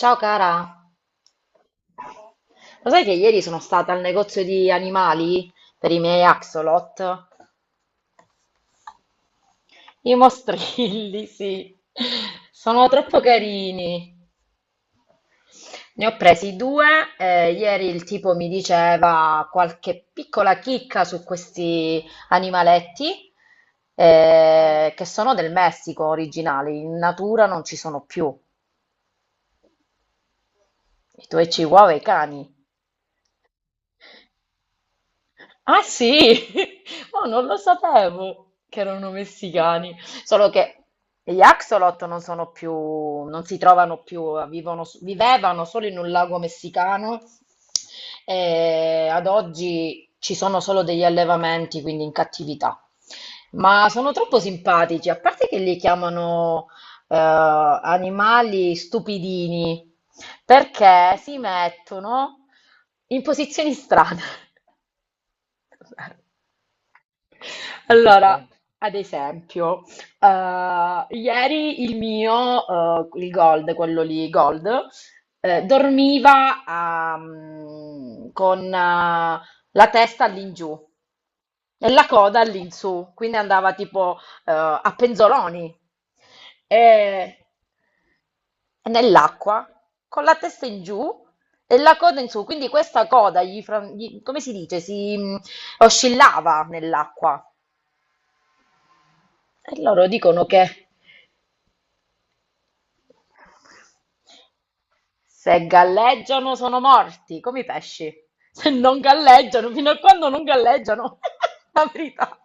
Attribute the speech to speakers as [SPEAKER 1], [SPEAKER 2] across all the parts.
[SPEAKER 1] Ciao cara, lo sai che ieri sono stata al negozio di animali per i miei axolot? I mostrilli, sì, sono troppo carini. Ne ho presi due, ieri il tipo mi diceva qualche piccola chicca su questi animaletti, che sono del Messico originali, in natura non ci sono più. I tuoi chihuahua e i cani. Ah sì, oh, non lo sapevo che erano messicani, solo che gli axolot non sono più, non si trovano più, vivevano solo in un lago messicano e ad oggi ci sono solo degli allevamenti, quindi in cattività. Ma sono troppo simpatici, a parte che li chiamano animali stupidini, perché si mettono in posizioni strane. Allora, ad esempio, ieri il Gold, quello lì, Gold, dormiva con la testa all'ingiù e la coda all'insù, quindi andava tipo a penzoloni. E nell'acqua con la testa in giù e la coda in su, quindi questa coda gli, come si dice, si oscillava nell'acqua. E loro dicono che se galleggiano sono morti, come i pesci. Se non galleggiano, fino a quando non galleggiano, la verità.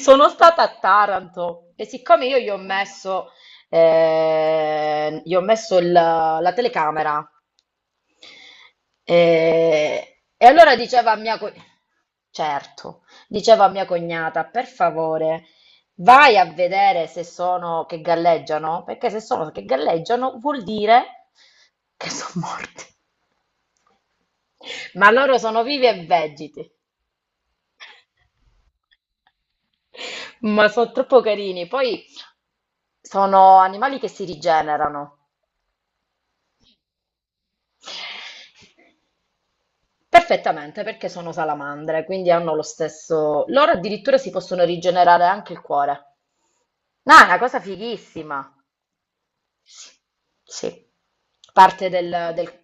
[SPEAKER 1] Sono stata a Taranto e siccome io gli ho messo la telecamera. E allora diceva certo, diceva a mia cognata, per favore, vai a vedere se sono che galleggiano, perché se sono che galleggiano vuol dire che sono morti. Ma loro sono vivi e vegeti, ma sono troppo carini. Poi sono animali che si rigenerano. Perfettamente, perché sono salamandre, quindi hanno lo stesso... Loro addirittura si possono rigenerare anche il cuore. No, è una cosa fighissima. Sì. Sì. Parte del,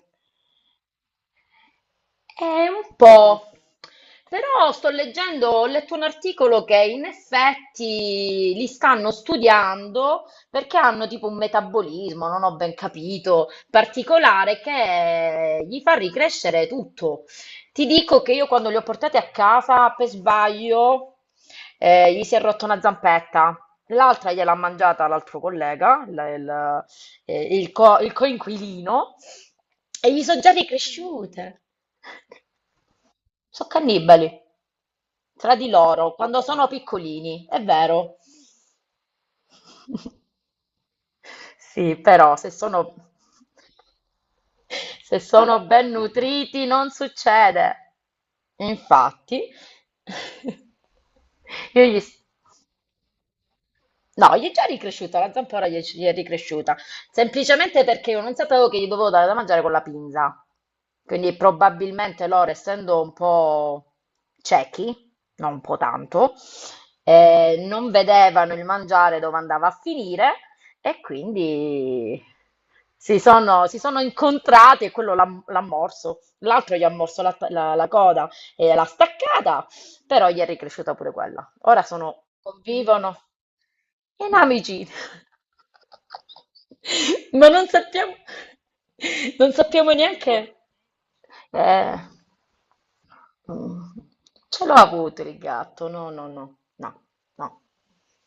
[SPEAKER 1] è un po', però sto leggendo, ho letto un articolo che in effetti li stanno studiando perché hanno tipo un metabolismo, non ho ben capito, particolare che gli fa ricrescere tutto. Ti dico che io quando li ho portati a casa per sbaglio gli si è rotta una zampetta. L'altra gliel'ha mangiata l'altro collega, il- il coinquilino, e gli sono già ricresciute. So' cannibali tra di loro quando sono piccolini, è vero. Sì, però se sono ben nutriti non succede. Infatti, io gli... No, gli è già ricresciuta, la zampora gli è ricresciuta, semplicemente perché io non sapevo che gli dovevo dare da mangiare con la pinza. Quindi probabilmente loro, essendo un po' ciechi, non un po' tanto, non vedevano il mangiare dove andava a finire e quindi si sono incontrati e quello l'ha morso, l'altro gli ha morso la coda e l'ha staccata però gli è ricresciuta pure quella. Ora convivono in amicizia. Ma non sappiamo neanche. Eh, mm, ce l'ho avuto il gatto, no, no, no, no, no,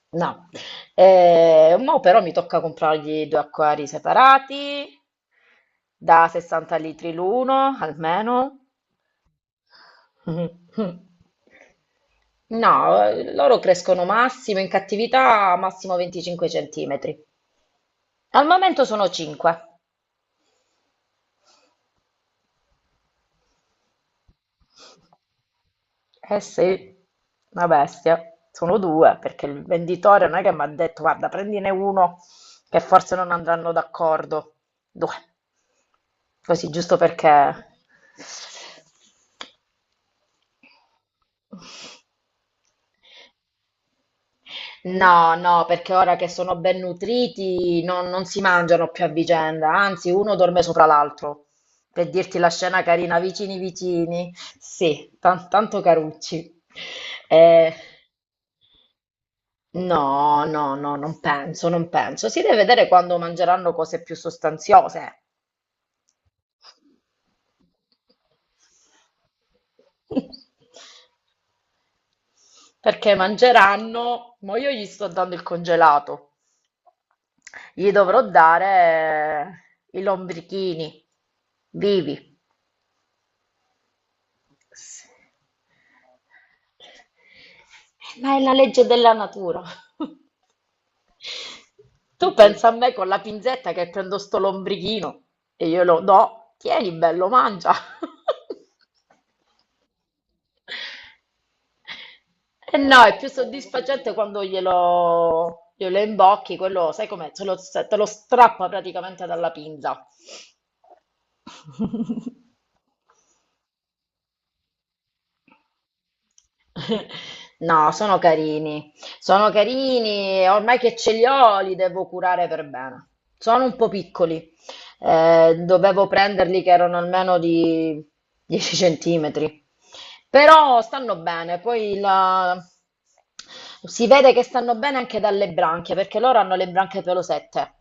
[SPEAKER 1] no. Mo però mi tocca comprargli due acquari separati da 60 litri l'uno, almeno. No, loro crescono massimo in cattività massimo 25 centimetri. Al momento sono 5. Eh sì, una bestia. Sono due perché il venditore non è che mi ha detto, guarda, prendine uno che forse non andranno d'accordo. Due, così giusto perché... No, no, perché ora che sono ben nutriti non si mangiano più a vicenda, anzi uno dorme sopra l'altro. Per dirti la scena carina, vicini vicini. Sì, tanto carucci. Eh, no, no, no, non penso, non penso. Si deve vedere quando mangeranno cose più sostanziose. Perché mangeranno, ma io gli sto dando il congelato. Gli dovrò dare i lombrichini vivi. S- Ma è la legge della natura. Tu pensa a me con la pinzetta che prendo sto lombrichino e io lo do, tieni bello, mangia. E no, è più soddisfacente quando glielo imbocchi, quello, sai com'è, te lo strappa praticamente dalla pinza. No, sono carini, e ormai che ce li ho li devo curare per bene. Sono un po' piccoli, dovevo prenderli che erano almeno di 10 centimetri, però stanno bene, si vede che stanno bene anche dalle branchie, perché loro hanno le branchie pelosette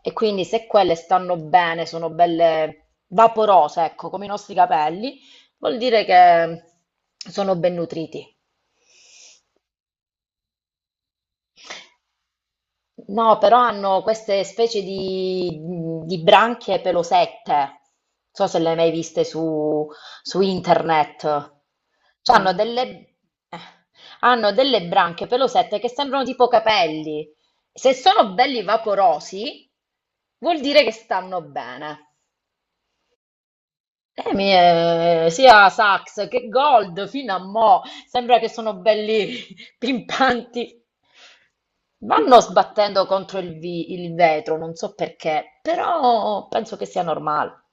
[SPEAKER 1] e quindi se quelle stanno bene, sono belle vaporose, ecco, come i nostri capelli, vuol dire che sono ben nutriti. No, però hanno queste specie di branchie pelosette. Non so se le hai mai viste su internet. Cioè, hanno No, delle, eh, hanno delle branchie pelosette che sembrano tipo capelli. Se sono belli vaporosi, vuol dire che stanno bene. Sia Sax che Gold fino a mo' sembra che sono belli pimpanti. Vanno sbattendo contro il vetro, non so perché, però penso che sia normale.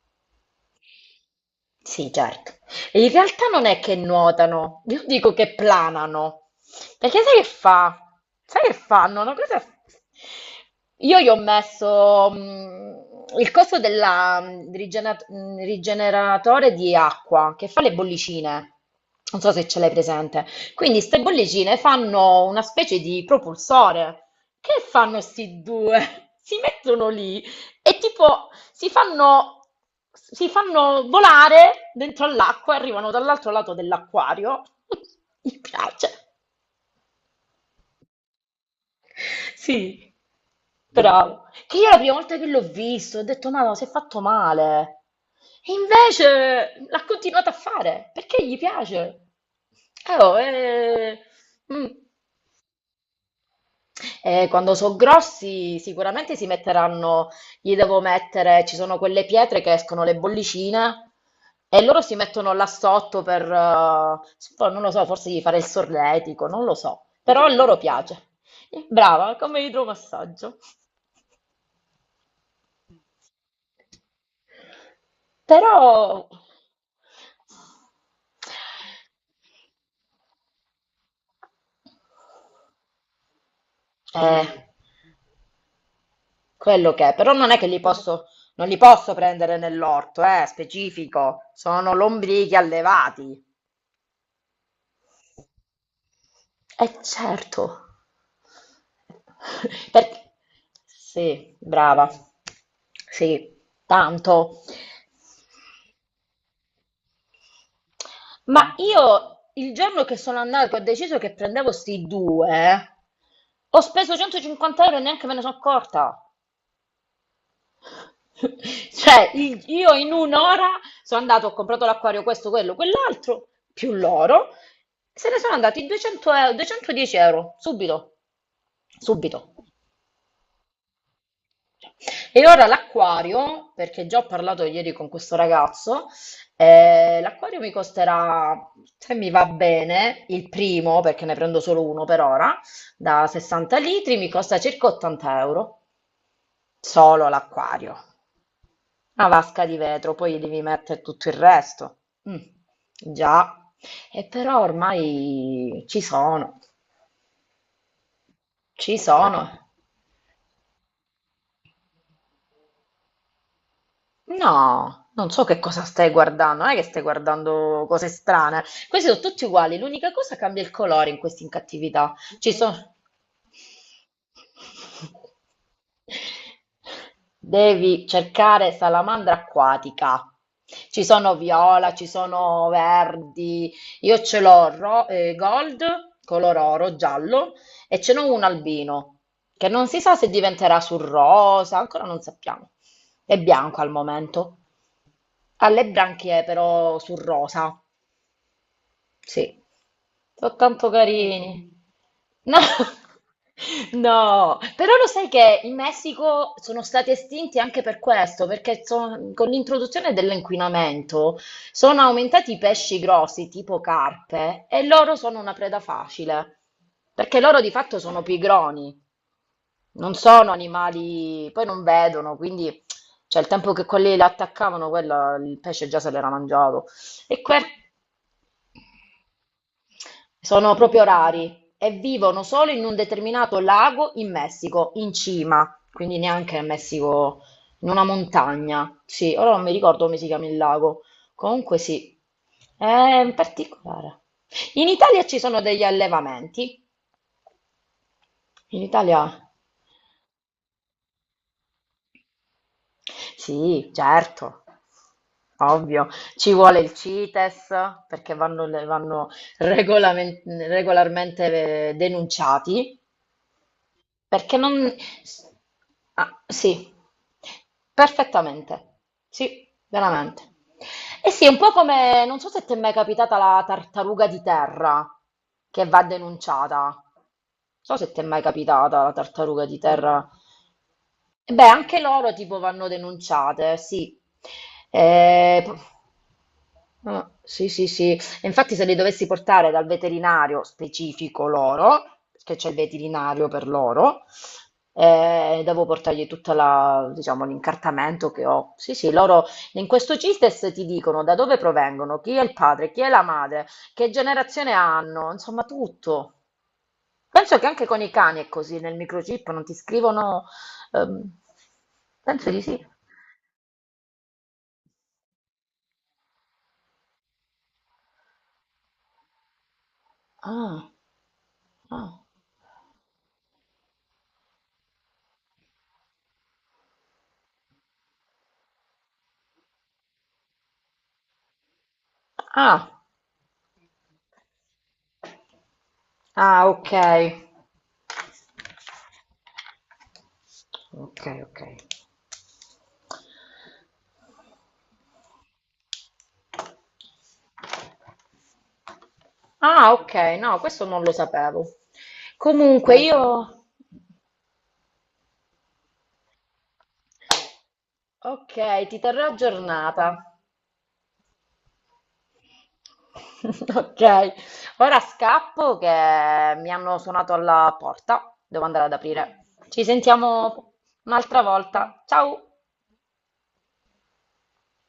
[SPEAKER 1] Sì, certo. E in realtà non è che nuotano, io dico che planano. Perché sai che fa? Sai che fanno? Una cosa... Io gli ho messo il coso del rigeneratore di acqua che fa le bollicine. Non so se ce l'hai presente. Quindi ste bollicine fanno una specie di propulsore. Che fanno sti due? Si mettono lì e tipo si fanno volare dentro all'acqua e arrivano dall'altro lato dell'acquario. Mi piace. Sì, bravo. Che io la prima volta che l'ho visto ho detto, ma si è fatto male. E invece l'ha continuato a fare perché gli piace. Eh, oh, eh, mm. Quando sono grossi sicuramente si metteranno, gli devo mettere, ci sono quelle pietre che escono le bollicine e loro si mettono là sotto per, poi non lo so, forse gli fare il solletico, non lo so, però a loro piace. Brava, come idromassaggio. Però... Eh, Quello che è, però non è che li posso, non li posso prendere nell'orto, specifico, sono lombrichi allevati. Eh certo. Perché... Sì, brava. Sì, tanto. Ma io il giorno che sono andato che ho deciso che prendevo sti due, ho speso 150 euro e neanche me ne sono accorta. Cioè, io in un'ora sono andato, ho comprato l'acquario, questo, quello, quell'altro, più l'oro, se ne sono andati 200 euro, 210 euro, subito, subito. E ora l'acquario, perché già ho parlato ieri con questo ragazzo, l'acquario mi costerà, se mi va bene, il primo, perché ne prendo solo uno per ora, da 60 litri, mi costa circa 80 euro, solo l'acquario. Una vasca di vetro, poi gli devi mettere tutto il resto. Mm, già, e però ormai ci sono, ci sono. No, non so che cosa stai guardando, non è che stai guardando cose strane. Questi sono tutti uguali, l'unica cosa cambia il colore in questa incattività. Ci sono... Devi cercare salamandra acquatica. Ci sono viola, ci sono verdi. Io ce l'ho Gold, color oro, giallo, e ce n'ho un albino, che non si sa se diventerà sul rosa, ancora non sappiamo. È bianco al momento. Ha le branchie però sul rosa. Sì, sono tanto carini. No, no, però lo sai che in Messico sono stati estinti anche per questo, perché con l'introduzione dell'inquinamento sono aumentati i pesci grossi tipo carpe e loro sono una preda facile, perché loro di fatto sono pigroni. Non sono animali, poi non vedono, quindi cioè, il tempo che quelli la attaccavano, quella, il pesce già se l'era mangiato. E que- Sono proprio rari e vivono solo in un determinato lago in Messico, in cima, quindi neanche in Messico, in una montagna. Sì, ora non mi ricordo come si chiama il lago. Comunque sì, è in particolare. In Italia ci sono degli allevamenti. In Italia... Sì, certo, ovvio. Ci vuole il CITES perché vanno regolamen- regolarmente denunciati, perché non... Ah, sì, perfettamente. Sì, veramente. E sì, è un po' come, non so se ti è mai capitata la tartaruga di terra che va denunciata. Non so se ti è mai capitata la tartaruga di terra e beh, anche loro tipo vanno denunciate, sì. Eh, p- sì, sì, sì. E infatti se li dovessi portare dal veterinario specifico loro, perché c'è il veterinario per loro, devo portargli tutta la, diciamo, l'incartamento che ho. Sì, sì, loro in questo CITES ti dicono da dove provengono, chi è il padre, chi è la madre, che generazione hanno, insomma tutto. Penso che anche con i cani è così, nel microchip non ti scrivono... ehm, penso di sì. Ah, ah, ah, ah, ok. Ok, ok. Ah, ok, no, questo non lo sapevo. Comunque io... Ok, ti terrò aggiornata. Ok, ora scappo che mi hanno suonato alla porta. Devo andare ad aprire. Ci sentiamo un'altra volta. Ciao!